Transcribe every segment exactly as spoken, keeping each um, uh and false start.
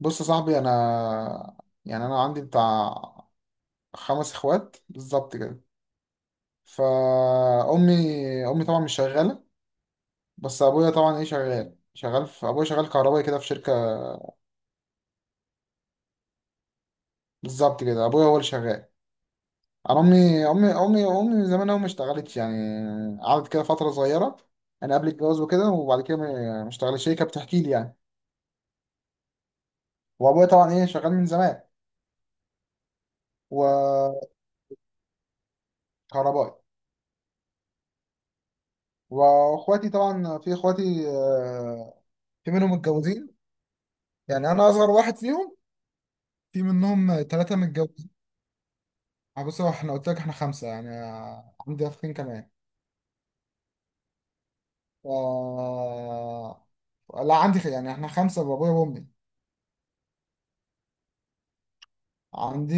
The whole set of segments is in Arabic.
بص يا صاحبي، انا يعني انا عندي بتاع خمس اخوات بالظبط كده. فامي امي طبعا مش شغاله. بس ابويا طبعا، ايه، شغال شغال في ابويا شغال كهربائي كده في شركه. بالظبط كده، ابويا هو اللي شغال. انا امي امي امي امي من زمان أوي ما اشتغلتش، يعني قعدت كده فتره صغيره انا قبل الجواز وكده، وبعد كده ما ما اشتغلتش، هي كانت بتحكي لي يعني. وابويا طبعا، ايه، شغال من زمان، وكهربائي. واخواتي طبعا، في اخواتي، آه، في منهم متجوزين. يعني انا اصغر واحد فيهم، في منهم ثلاثه متجوزين. آه، بص، هو احنا قلت لك احنا خمسه يعني. آه، عندي اخين كمان. آه... لا، عندي خ- يعني احنا خمسه بابويا وامي. عندي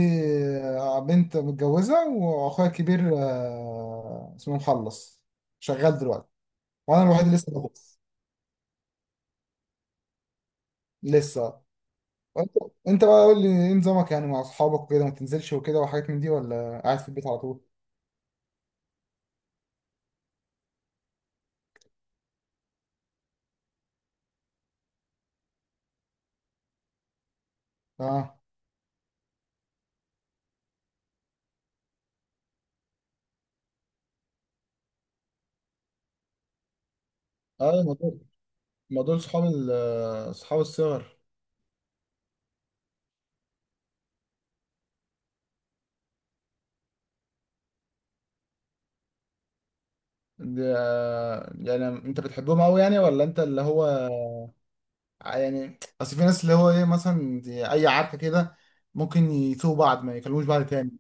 آه، بنت متجوزه، واخويا الكبير آه، اسمه مخلص، شغال دلوقتي. وانا الوحيد اللي لسه بدرس، لسه. وانت انت بقى قول لي، ايه نظامك يعني مع اصحابك وكده؟ ما تنزلش وكده وحاجات من دي، ولا قاعد في البيت على طول؟ اه. اه، ما دول ما دول صحاب ال- صحاب الصغر. دي، يعني انت بتحبهم قوي يعني، ولا انت اللي هو؟ يعني اصل في ناس، اللي هو، ايه، مثلا دي اي عركه كده ممكن يسوقوا بعض ما يكلموش بعض تاني.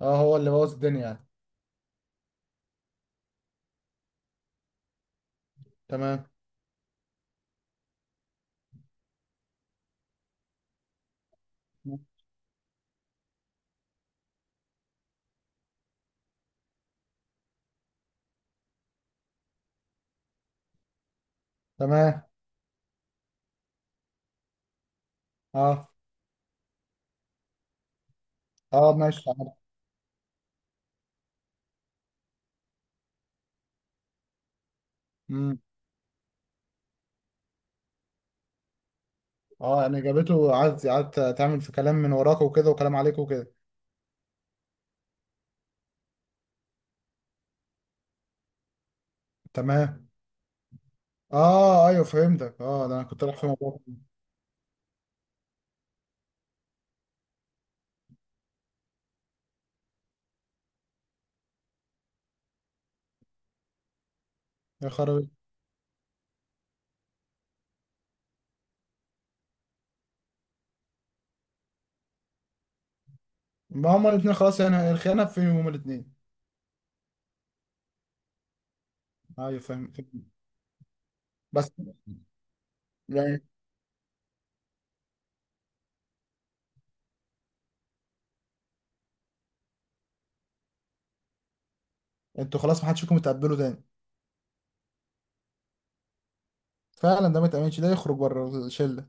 اه، هو اللي بوظ الدنيا يعني. تمام. تمام. اه. اه. ماشي، عارف. امم. اه، يعني جابته قعدت قعدت تعمل في كلام من وراك وكده، وكلام عليك وكده. تمام. اه، ايوه، فهمتك. اه، ده انا كنت رايح في موضوع. يا خرابي. ما هما الاثنين خلاص، يعني الخيانه في هما الاثنين. ايوه، فاهم، فاهم. بس يعني انتوا خلاص، ما حدش فيكم يتقبلوا تاني. فعلا، ده ما يتأمنش، ده يخرج بره الشله.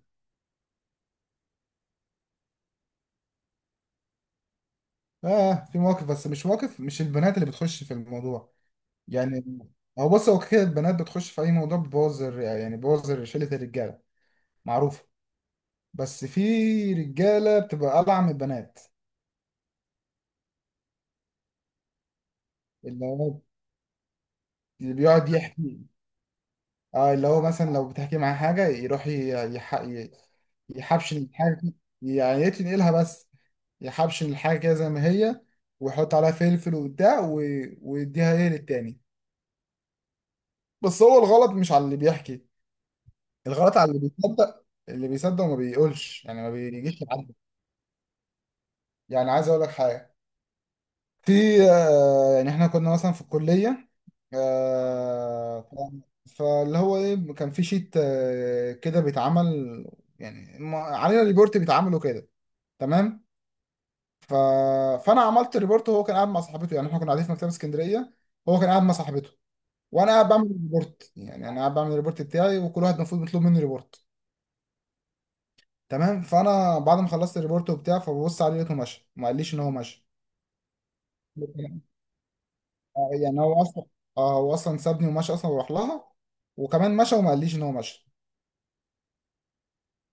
اه، في مواقف، بس مش مواقف، مش البنات اللي بتخش في الموضوع. يعني هو، بص، هو كده البنات بتخش في اي موضوع، بتبوظ الر- يعني بتبوظ شله الرجاله، معروفه. بس في رجاله بتبقى ابعع من البنات، اللي هو اللي بيقعد يحكي. اه، اللي هو مثلا لو بتحكي معاه حاجه، يروح ي- يح... ي- يحبش الحاجه، يعني يتنقلها، بس يحبشن الحاجة كده زي ما هي، ويحط عليها فلفل وبتاع و... ويديها، ايه، للتاني. بس هو الغلط مش على اللي بيحكي، الغلط على اللي بيصدق اللي بيصدق وما بيقولش، يعني ما بيجيش لحد. يعني عايز اقول لك حاجة. في آه، يعني احنا كنا مثلا في الكلية، آه، ف- فاللي هو، ايه، كان في شيت آه، كده بيتعمل، يعني ما- علينا ريبورت بيتعمل وكده. تمام. ف... فانا عملت ريبورت، وهو كان قاعد مع صاحبته. يعني احنا كنا قاعدين في مكتبه اسكندريه، هو كان قاعد مع صاحبته وانا بعمل ريبورت. يعني انا قاعد بعمل الريبورت بتاعي، وكل واحد المفروض بيطلب مني ريبورت. تمام. فانا بعد ما خلصت الريبورت وبتاع، فببص عليه، لقيته مشى، ما قاليش ان هو مشى. آه، يعني هو اصلا اه هو اصلا سابني ومشى اصلا، وراح لها، وكمان مشى وما قاليش ان هو مشى.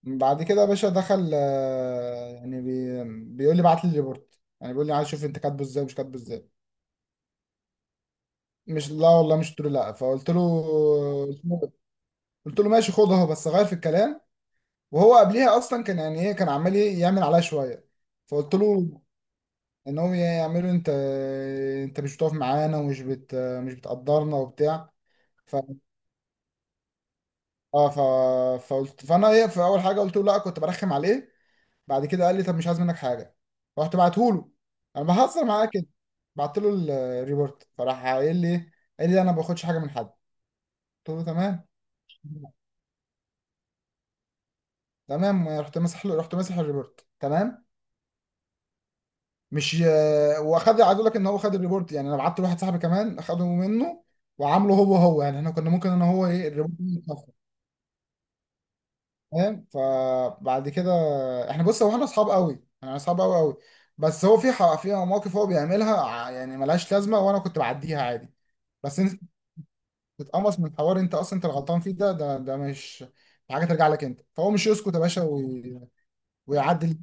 بعد كده يا باشا دخل، آه، يعني بي... بيقول لي بعت لي الريبورت، يعني بيقول لي عايز اشوف انت كاتبه ازاي، ومش كاتبه ازاي. مش لا والله، مش قلت له لا، فقلت له، قلت له ماشي، خد اهو بس غير في الكلام. وهو قبليها اصلا كان، يعني، ايه، كان عمال، إيه، يعمل عليا شويه. فقلت له ان هو يعمله، انت انت مش بتقف معانا، ومش بت مش بتقدرنا وبتاع. ف اه ف فقلت فانا، ايه، في اول حاجه قلت له لا، كنت برخم عليه. بعد كده قال لي طب مش عايز منك حاجه، رحت بعته له، انا بهزر معاه كده. بعت له ال- الريبورت، فراح قايل لي إيه؟ قال لي لا، انا ما باخدش حاجه من حد. قلت له تمام. تمام، رحت ماسح له- رحت ماسح الريبورت، تمام. مش ي- واخد، عايز اقول لك ان هو خد الريبورت، يعني انا بعت لواحد صاحبي كمان، اخده منه وعامله هو، هو. يعني احنا كنا ممكن انا، هو، ايه، الريبورت دي يتنفذ. فاهم؟ فبعد كده، احنا، بص، هو احنا اصحاب قوي احنا اصحاب قوي قوي. بس هو في ح- في مواقف هو بيعملها ع- يعني ملهاش لازمه، وانا كنت بعديها عادي. بس انت تتقمص من حوار انت اصلا انت الغلطان فيه، ده ده ده مش حاجه ترجع لك انت، فهو مش يسكت يا باشا وي- ويعدل.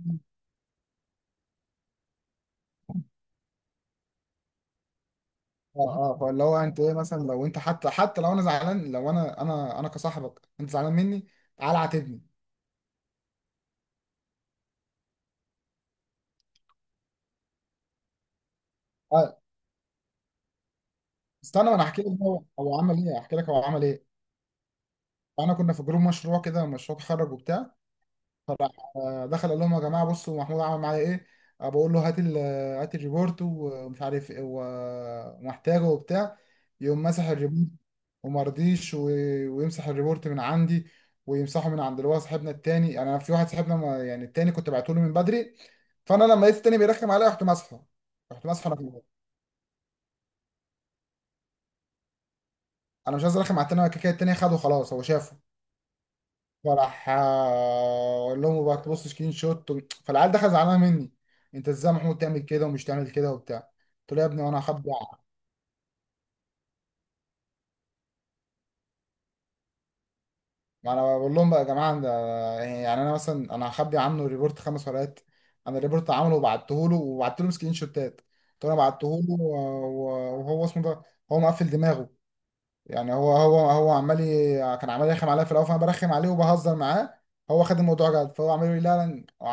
اه. اه. اه. فاللي هو انت، ايه، مثلا لو انت، حتى حتى لو انا زعلان، لو انا انا انا كصاحبك، انت زعلان مني، تعالى عاتبني. اه، استنى، ما انا هحكي لك هو هو عمل ايه، هحكي لك هو عمل ايه. انا كنا في جروب مشروع كده، مشروع تخرج وبتاع. فراح آه، دخل قال لهم يا جماعه، بصوا محمود عمل معايا ايه. آه، بقول له هات ال- هات الريبورت ومش عارف ايه، و- ومحتاجه وبتاع. يقوم مسح الريبورت وما رضيش، و- ويمسح الريبورت من عندي، ويمسحه من عند اللي هو صاحبنا التاني. يعني انا في واحد صاحبنا، ما- يعني التاني كنت بعته له من بدري. فانا لما لقيت التاني بيرخم عليا، رحت ماسحه رحت ماسحه انا كمان. انا مش عايز ارخم على التاني، أنا كده كده التاني خده خلاص، هو شافه. فراح آه، اقول لهم بقى تبص سكرين شوت، و- فالعيال دخل زعلانه مني. انت ازاي يا محمود تعمل كده ومش تعمل كده وبتاع؟ قلت له يا ابني، وانا هخبي ع- ما انا بقول لهم بقى يا جماعه ده. يعني انا مثلا انا هخبي عنه ريبورت خمس ورقات؟ انا الريبورت عامله وبعته له وبعت له سكرين شوتات. قلت له انا بعته له، و- و- وهو اسمه ده، هو مقفل دماغه. يعني هو هو هو عمال ي- كان عمال يرخم عليا في الاول، فانا برخم عليه وبهزر معاه. هو خد الموضوع جد، فهو عمال يقول لي لا.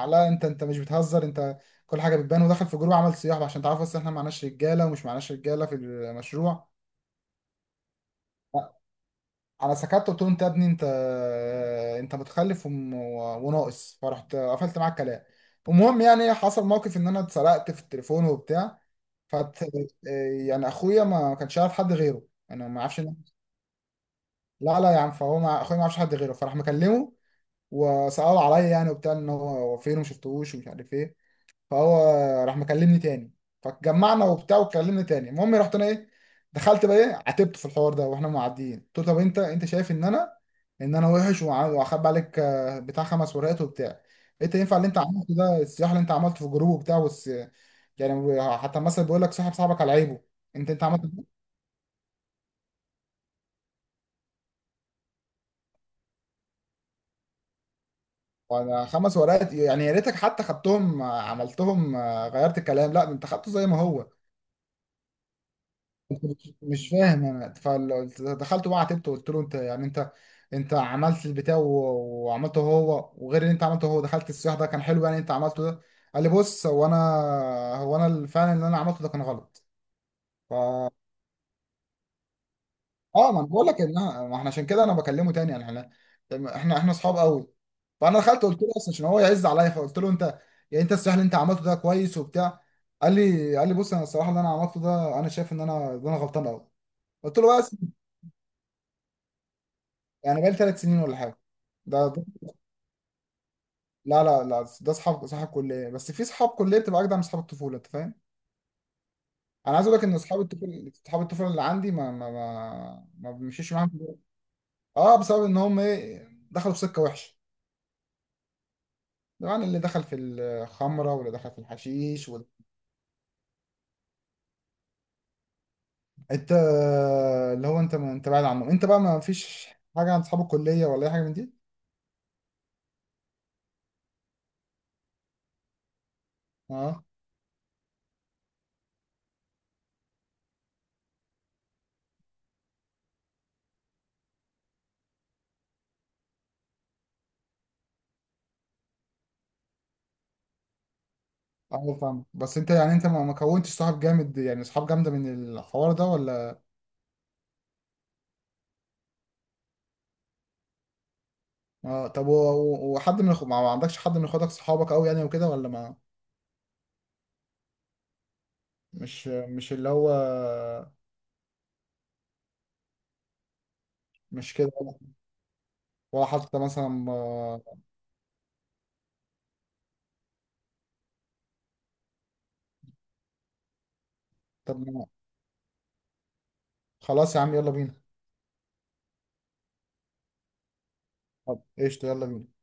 لا، لا، انت انت مش بتهزر انت، كل حاجه بتبان، ودخل في جروب عمل صياح بقى عشان تعرفوا اصل احنا معناش رجاله، ومش معناش رجاله في المشروع. انا سكت، قلت له انت يا ابني انت انت متخلف، وم- وناقص. فرحت قفلت معاه الكلام. المهم، يعني حصل موقف ان انا اتسرقت في التليفون وبتاع. فت يعني اخويا ما كانش عارف حد غيره، انا ما اعرفش. لا، لا يا عم، فهو مع اخويا ما يعرفش حد غيره. فراح مكلمه، وسألوا عليا يعني وبتاع، ان هو هو فين، وما شفتهوش ومش عارف ايه. فهو راح مكلمني تاني، فاتجمعنا وبتاع وكلمني تاني. المهم رحت انا، ايه، دخلت بقى، ايه، عاتبته في الحوار ده، واحنا معديين قلت له طب انت انت شايف ان انا ان انا وحش، وع- واخبي عليك آه، بتاع خمس ورقات وبتاع. انت ينفع اللي انت عملته ده، الصياح اللي انت عملته في الجروب وبتاع، والس... يعني حتى مثلا بيقول لك صاحب صاحبك على عيبه. انت انت عملت ده؟ وانا خمس ورقات، يعني يا ريتك حتى خدتهم آه، عملتهم، آه، غيرت الكلام. لا، ده انت خدته زي ما هو. انت مش مش فاهم انا. فدخلت بقى عاتبته، قلت له انت، يعني انت انت عملت البتاع، و- وعملته هو وغير اللي انت عملته هو، دخلت السياح ده كان حلو يعني. انت عملته ده؟ قال لي بص، هو انا هو انا ال- فعلا اللي انا عملته ده كان غلط. ف اه ما انا بقول لك ان أنا- ما احنا عشان كده انا بكلمه تاني. يعني احنا احنا احنا اصحاب قوي. فانا دخلت قلت له اصلا عشان هو يعز عليا، فقلت له انت، يعني انت، السياح اللي انت عملته ده كويس وبتاع. قال لي قال لي بص، انا الصراحه اللي انا عملته ده انا شايف ان انا ان انا غلطان قوي. قلت له بس يعني بقالي ثلاث سنين ولا حاجه. ده, ده لا، لا، لا، ده اصحاب صحاب كليه. بس في صحاب كليه بتبقى اجدع من صحاب الطفوله انت فاهم. انا عايز اقول لك ان اصحاب الطفوله اصحاب الطفوله اللي عندي، ما ما ما, ما بمشيش معاهم دلوقتي. اه، بسبب ان هم، ايه، دخلوا في سكه وحشه. يعني اللي دخل في الخمره، واللي دخل في الحشيش، وال... انت اللي هو انت ما انت بعيد عنه. انت بقى ما فيش حاجه عن اصحاب الكليه، ولا اي حاجه من دي؟ اه. اه، فاهم. بس انت يعني انت ما ما كونتش صحاب جامد، يعني صحاب جامده من الحوار ده، ولا؟ اه طب و- و- وحد من اخو ما ما عندكش حد من اخواتك صحابك قوي يعني وكده، ولا؟ ما مش مش اللي هو، مش كده، ولا حتى مثلا ما- طب ما- خلاص يا عم، يلا بينا. طب قشطة، يلا بينا.